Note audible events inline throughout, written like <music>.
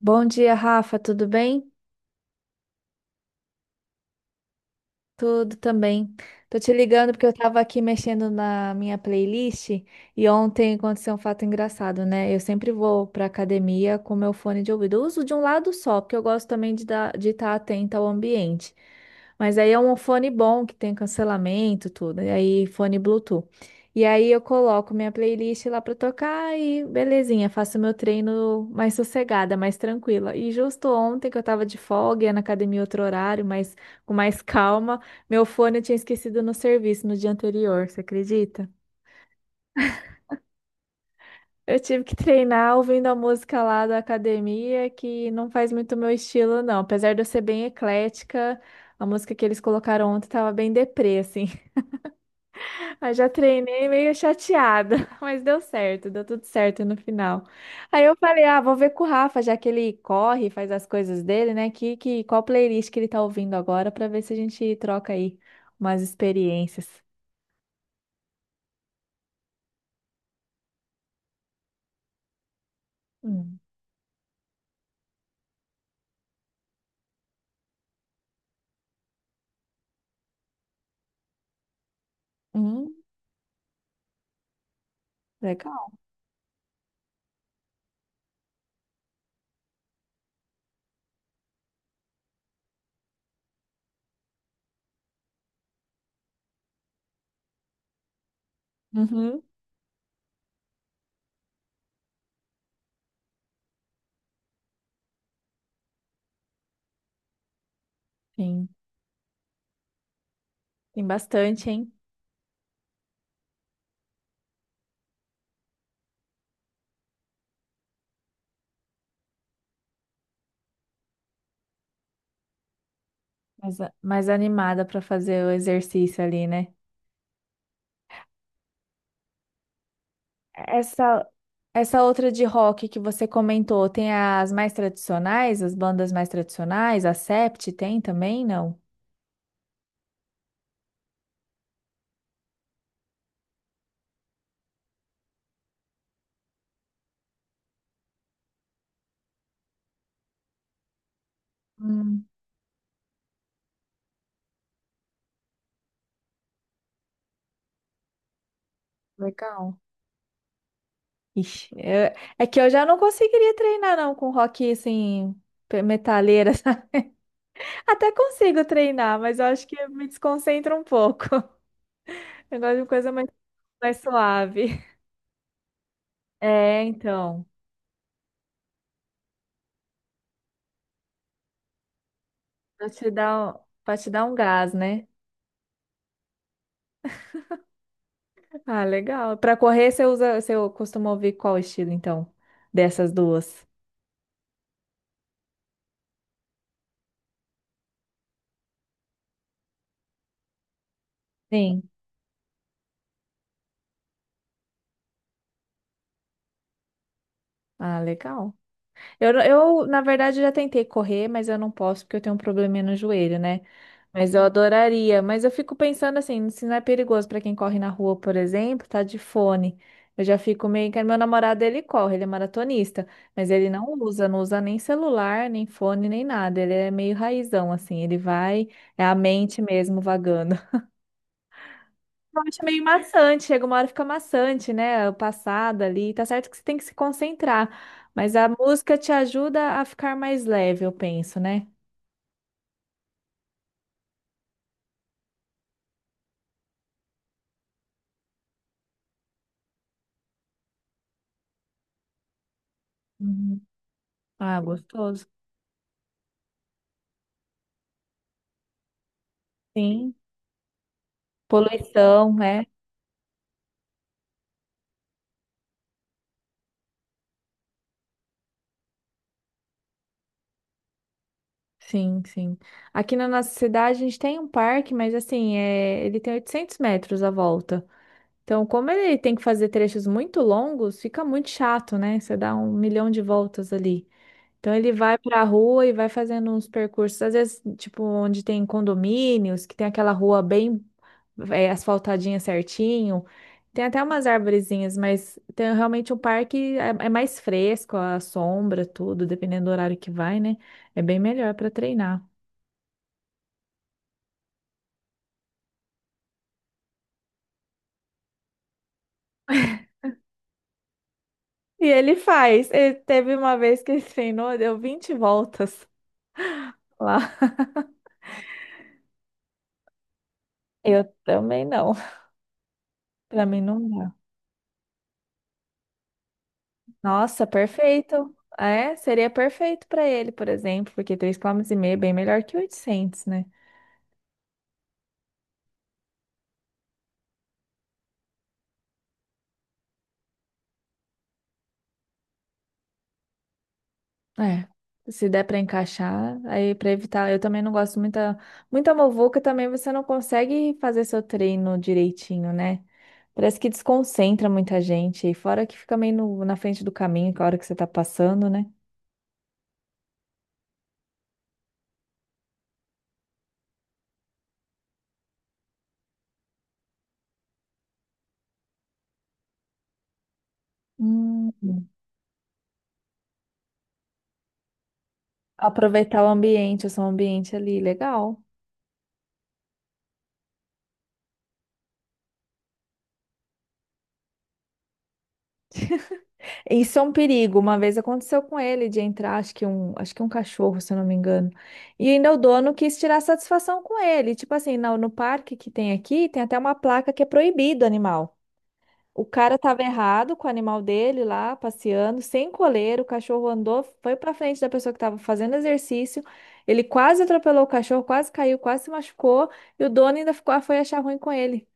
Bom dia, Rafa, tudo bem? Tudo também. Tô te ligando porque eu tava aqui mexendo na minha playlist e ontem aconteceu um fato engraçado, né? Eu sempre vou pra academia com meu fone de ouvido. Eu uso de um lado só, porque eu gosto também de dar, de estar atenta ao ambiente. Mas aí é um fone bom que tem cancelamento, tudo. E aí fone Bluetooth. E aí eu coloco minha playlist lá pra tocar e belezinha, faço meu treino mais sossegada, mais tranquila. E justo ontem que eu tava de folga, ia na academia outro horário, mas com mais <laughs> calma. Meu fone eu tinha esquecido no serviço no dia anterior, você acredita? Eu tive que treinar ouvindo a música lá da academia, que não faz muito meu estilo, não. Apesar de eu ser bem eclética, a música que eles colocaram ontem tava bem deprê, assim. <laughs> Aí já treinei meio chateada, <laughs> mas deu certo, deu tudo certo no final. Aí eu falei, ah, vou ver com o Rafa, já que ele corre, faz as coisas dele, né? Qual playlist que ele tá ouvindo agora, pra ver se a gente troca aí umas experiências. Hum, hum, legal. Uhum. Sim, tem bastante, hein? Mais, mais animada para fazer o exercício ali, né? Essa, essa outra de rock que você comentou, tem as mais tradicionais, as bandas mais tradicionais, a Sept tem também, não? Hum, legal. Ixi, é que eu já não conseguiria treinar não com rock assim, metaleira, <laughs> sabe? Até consigo treinar, mas eu acho que me desconcentra um pouco. <laughs> Eu gosto de coisa mais, mais suave. É, então. Pra te dar, pra te dar um gás, né? Ah, legal. Pra correr, você usa, você costuma ouvir qual estilo, então? Dessas duas? Sim. Ah, legal. Na verdade, já tentei correr, mas eu não posso porque eu tenho um probleminha no joelho, né? Mas eu adoraria. Mas eu fico pensando assim, se não é perigoso para quem corre na rua, por exemplo, tá de fone. Eu já fico meio que meu namorado ele corre, ele é maratonista, mas ele não usa, não usa nem celular, nem fone, nem nada. Ele é meio raizão assim, ele vai, é a mente mesmo vagando. Eu acho meio maçante, chega uma hora que fica maçante, né? O passado ali, tá certo que você tem que se concentrar, mas a música te ajuda a ficar mais leve, eu penso, né? Uhum. Ah, gostoso. Sim. Poluição, né. Sim, sim. Aqui na nossa cidade a gente tem um parque, mas assim, é ele tem 800 metros à volta. Então, como ele tem que fazer trechos muito longos, fica muito chato, né? Você dá um milhão de voltas ali. Então ele vai pra rua e vai fazendo uns percursos, às vezes, tipo, onde tem condomínios, que tem aquela rua bem é, asfaltadinha certinho. Tem até umas arvorezinhas, mas tem realmente o parque é, é mais fresco, a sombra, tudo, dependendo do horário que vai, né? É bem melhor para treinar. E ele faz. Ele teve uma vez que ele treinou, deu 20 voltas lá. Eu também não. Pra mim não. Nossa, perfeito. É, seria perfeito para ele, por exemplo, porque 3,5 km é bem melhor que 800, né? É. Se der para encaixar, aí para evitar, eu também não gosto muita muita muvuca, também você não consegue fazer seu treino direitinho, né? Parece que desconcentra muita gente, e fora que fica meio na frente do caminho, que é a hora que você tá passando, né? Hum. Aproveitar o ambiente, o seu ambiente ali, legal. Isso é um perigo. Uma vez aconteceu com ele de entrar, acho que um cachorro, se eu não me engano. E ainda o dono quis tirar satisfação com ele. Tipo assim, no parque que tem aqui, tem até uma placa que é proibido animal. O cara tava errado com o animal dele lá, passeando, sem coleira. O cachorro andou, foi pra frente da pessoa que tava fazendo exercício. Ele quase atropelou o cachorro, quase caiu, quase se machucou. E o dono ainda ficou, foi achar ruim com ele.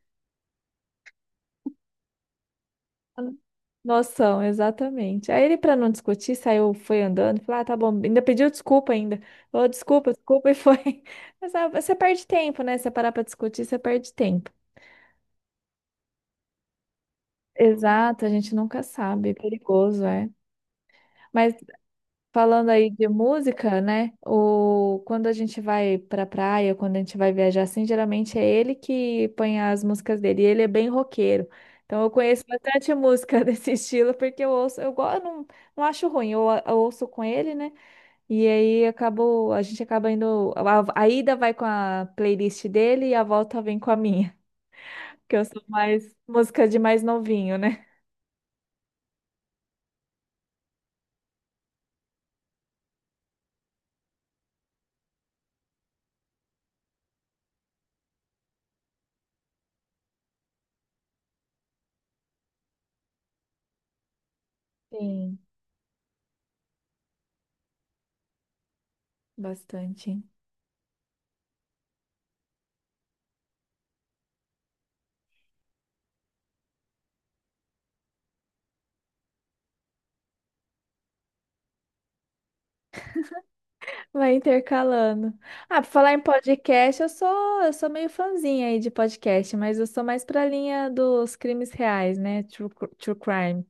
Noção, exatamente. Aí ele, para não discutir, saiu, foi andando, falou, ah, tá bom, ainda pediu desculpa ainda. Falou, desculpa, desculpa, e foi. <laughs> Mas ah, você perde tempo, né? você parar para discutir, você perde tempo. Exato, a gente nunca sabe, é perigoso, é. Mas falando aí de música, né? O Quando a gente vai pra praia, quando a gente vai viajar assim, geralmente é ele que põe as músicas dele, e ele é bem roqueiro. Então eu conheço bastante música <laughs> desse estilo, porque eu ouço, eu, go- eu não, não acho ruim, eu ouço com ele, né? E aí acabou, a gente acaba indo. A ida vai com a playlist dele e a volta vem com a minha. <laughs> Que eu sou mais música de mais novinho, né? Sim, bastante. Vai intercalando. Ah, pra falar em podcast, eu sou meio fãzinha aí de podcast, mas eu sou mais pra linha dos crimes reais, né? True crime.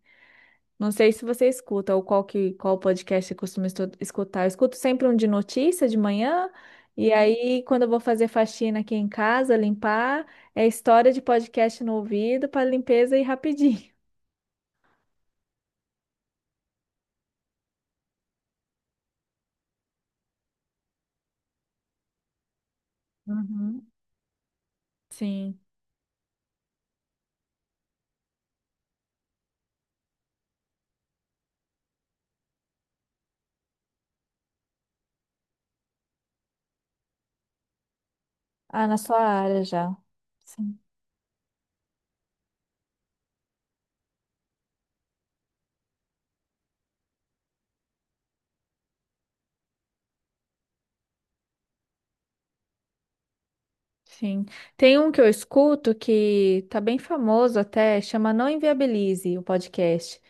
Não sei se você escuta ou qual podcast você costuma escutar. Eu escuto sempre um de notícia de manhã, e aí quando eu vou fazer faxina aqui em casa, limpar, é história de podcast no ouvido para limpeza e rapidinho. Uhum. Sim. Ah, na sua área já. Sim. Sim. Tem um que eu escuto que tá bem famoso até, chama Não Inviabilize, o podcast.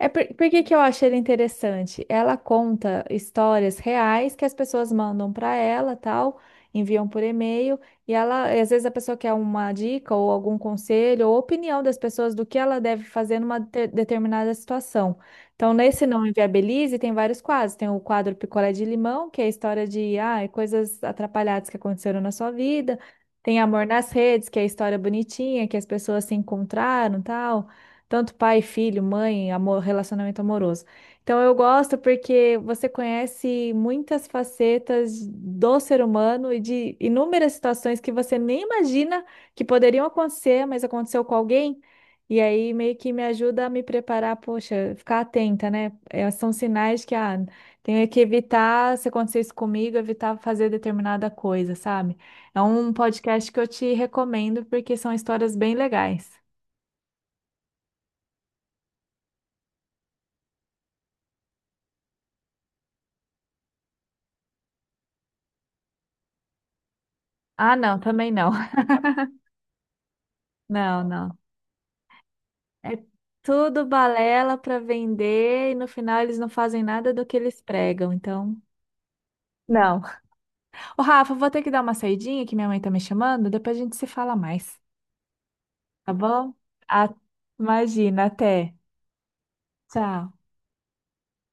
É por que que eu acho ele interessante? Ela conta histórias reais que as pessoas mandam para ela, tal, enviam por e-mail, e ela, às vezes a pessoa quer uma dica ou algum conselho ou opinião das pessoas do que ela deve fazer numa determinada situação. Então, nesse Não Inviabilize tem vários quadros. Tem o quadro Picolé de Limão, que é a história de ah, coisas atrapalhadas que aconteceram na sua vida. Tem Amor nas Redes, que é a história bonitinha, que as pessoas se encontraram, tal, tanto pai, filho, mãe, amor, relacionamento amoroso. Então eu gosto porque você conhece muitas facetas do ser humano e de inúmeras situações que você nem imagina que poderiam acontecer, mas aconteceu com alguém. E aí meio que me ajuda a me preparar, poxa, ficar atenta, né? É, são sinais que ah, tenho que evitar, se acontecer isso comigo, evitar fazer determinada coisa, sabe? É um podcast que eu te recomendo porque são histórias bem legais. Ah, não, também não. <laughs> Não, não. É tudo balela para vender e no final eles não fazem nada do que eles pregam, então. Não. Ô, Rafa, vou ter que dar uma saidinha que minha mãe tá me chamando, depois a gente se fala mais, tá bom? A- Imagina, até. Tchau.